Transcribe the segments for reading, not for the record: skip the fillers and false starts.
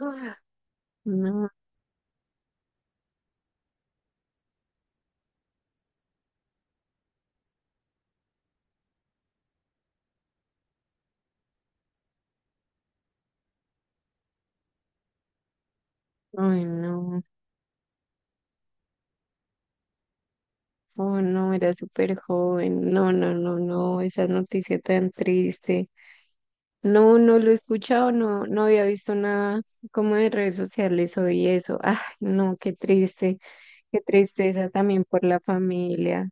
Ah, No, ay, no, oh, no, era súper joven. No, no, no, no, esa noticia tan triste. No, no lo he escuchado, no, no había visto nada como de redes sociales hoy eso. Ay, no, qué triste, qué tristeza también por la familia.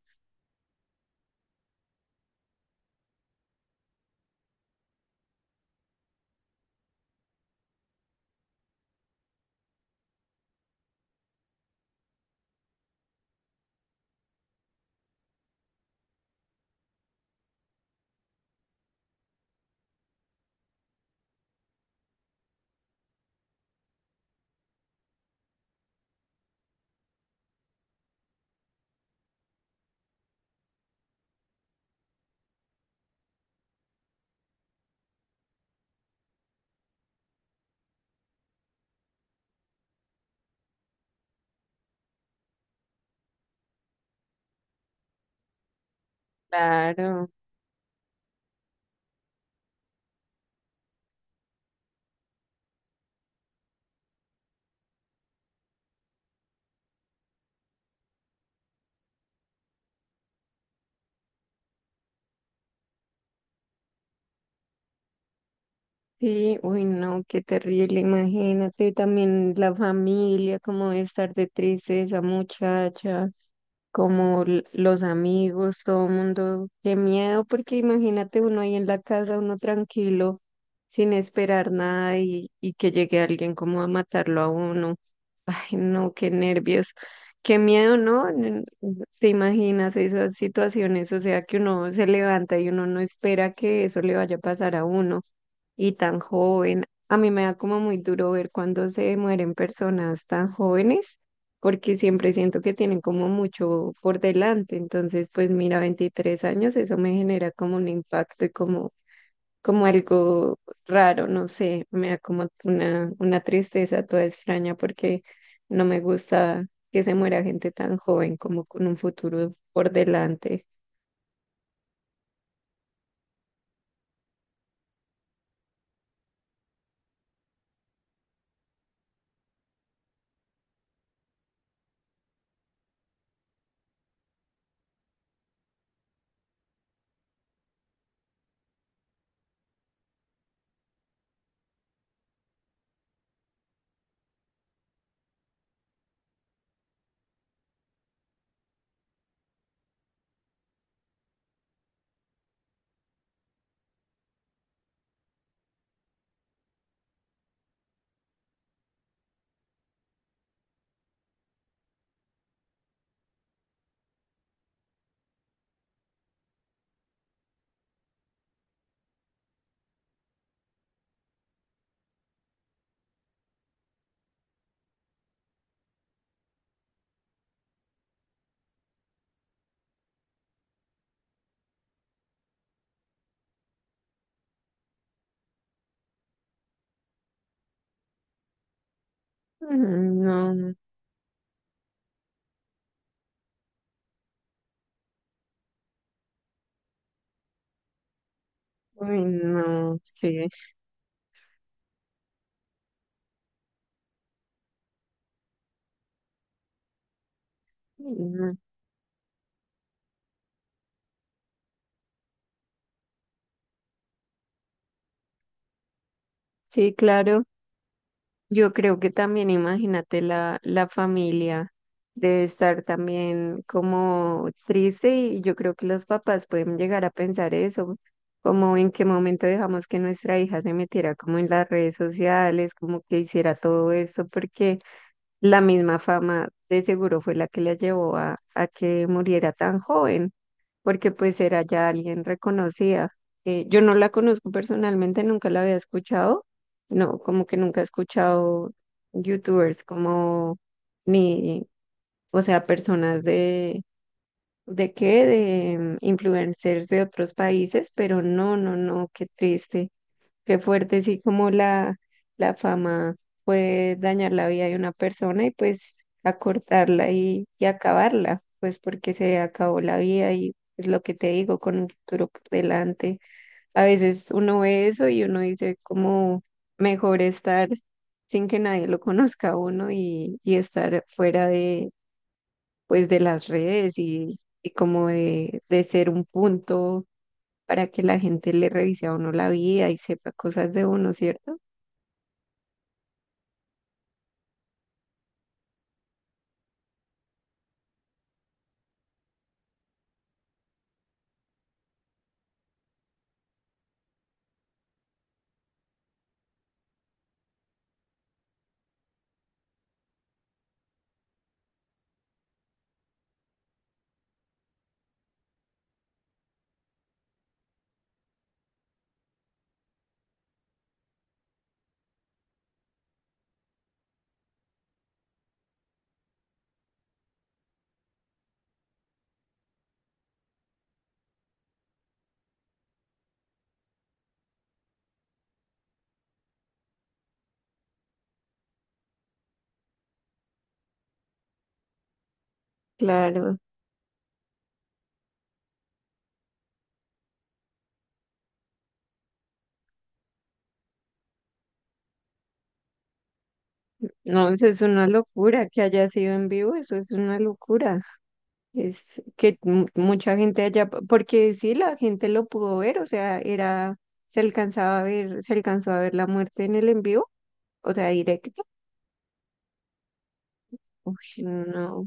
Claro, sí, uy, no, qué terrible, imagínate también la familia, cómo debe estar de triste esa muchacha. Como los amigos, todo el mundo, qué miedo, porque imagínate uno ahí en la casa, uno tranquilo, sin esperar nada y que llegue alguien como a matarlo a uno. Ay, no, qué nervios, qué miedo, ¿no? ¿Te imaginas esas situaciones? O sea, que uno se levanta y uno no espera que eso le vaya a pasar a uno y tan joven. A mí me da como muy duro ver cuando se mueren personas tan jóvenes, porque siempre siento que tienen como mucho por delante. Entonces, pues mira, 23 años, eso me genera como un impacto y como, como algo raro, no sé, me da como una tristeza toda extraña porque no me gusta que se muera gente tan joven como con un futuro por delante. Mm, No, uy, no, sí. No. Sí, claro. Yo creo que también, imagínate, la familia debe estar también como triste y yo creo que los papás pueden llegar a pensar eso, como en qué momento dejamos que nuestra hija se metiera como en las redes sociales, como que hiciera todo esto, porque la misma fama de seguro fue la que la llevó a que muriera tan joven porque pues era ya alguien reconocida. Yo no la conozco personalmente, nunca la había escuchado, no, como que nunca he escuchado youtubers como ni, o sea, personas ¿de qué? De influencers de otros países, pero no, no, no, qué triste. Qué fuerte, sí, como la fama puede dañar la vida de una persona y pues acortarla y acabarla, pues porque se acabó la vida y es lo que te digo, con un futuro por delante. A veces uno ve eso y uno dice como mejor estar sin que nadie lo conozca a uno y estar fuera de, pues de las redes y como de ser un punto para que la gente le revise a uno la vida y sepa cosas de uno, ¿cierto? Claro, no, eso es una locura que haya sido en vivo, eso es una locura. Es que mucha gente allá, porque sí, la gente lo pudo ver, o sea, era, se alcanzaba a ver, se alcanzó a ver la muerte en el en vivo, o sea, directo. Uy, no,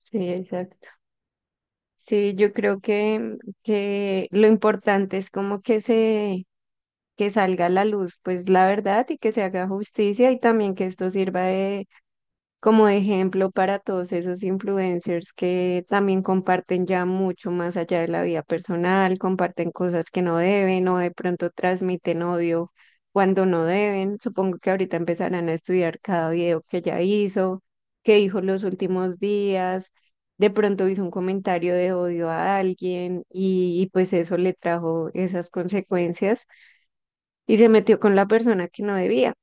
sí, exacto. Sí, yo creo que lo importante es como que se, que salga a la luz, pues la verdad y que se haga justicia y también que esto sirva como ejemplo para todos esos influencers que también comparten ya mucho más allá de la vida personal, comparten cosas que no deben o de pronto transmiten odio cuando no deben. Supongo que ahorita empezarán a estudiar cada video que ya hizo, que dijo los últimos días. De pronto hizo un comentario de odio a alguien y pues eso le trajo esas consecuencias y se metió con la persona que no debía.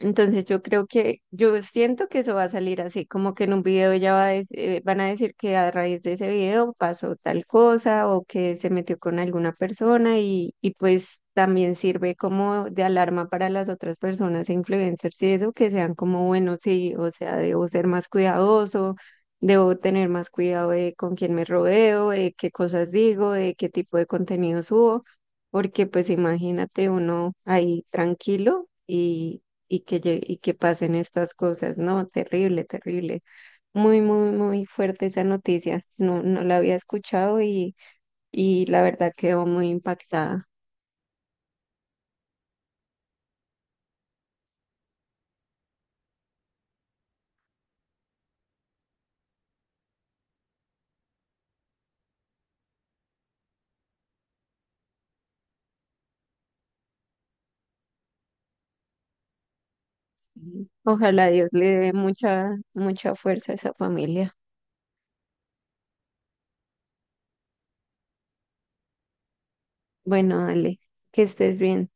Entonces yo creo que, yo siento que eso va a salir así, como que en un video ya van a decir que a raíz de ese video pasó tal cosa o que se metió con alguna persona y pues también sirve como de alarma para las otras personas, e influencers y eso, que sean como, bueno, sí, o sea, debo ser más cuidadoso, debo tener más cuidado de con quién me rodeo, de qué cosas digo, de qué tipo de contenido subo, porque pues imagínate uno ahí tranquilo. Y que pasen estas cosas, ¿no? Terrible, terrible. Muy, muy, muy fuerte esa noticia. No, no la había escuchado y la verdad quedó muy impactada. Sí. Ojalá Dios le dé mucha, mucha fuerza a esa familia. Bueno, Ale, que estés bien.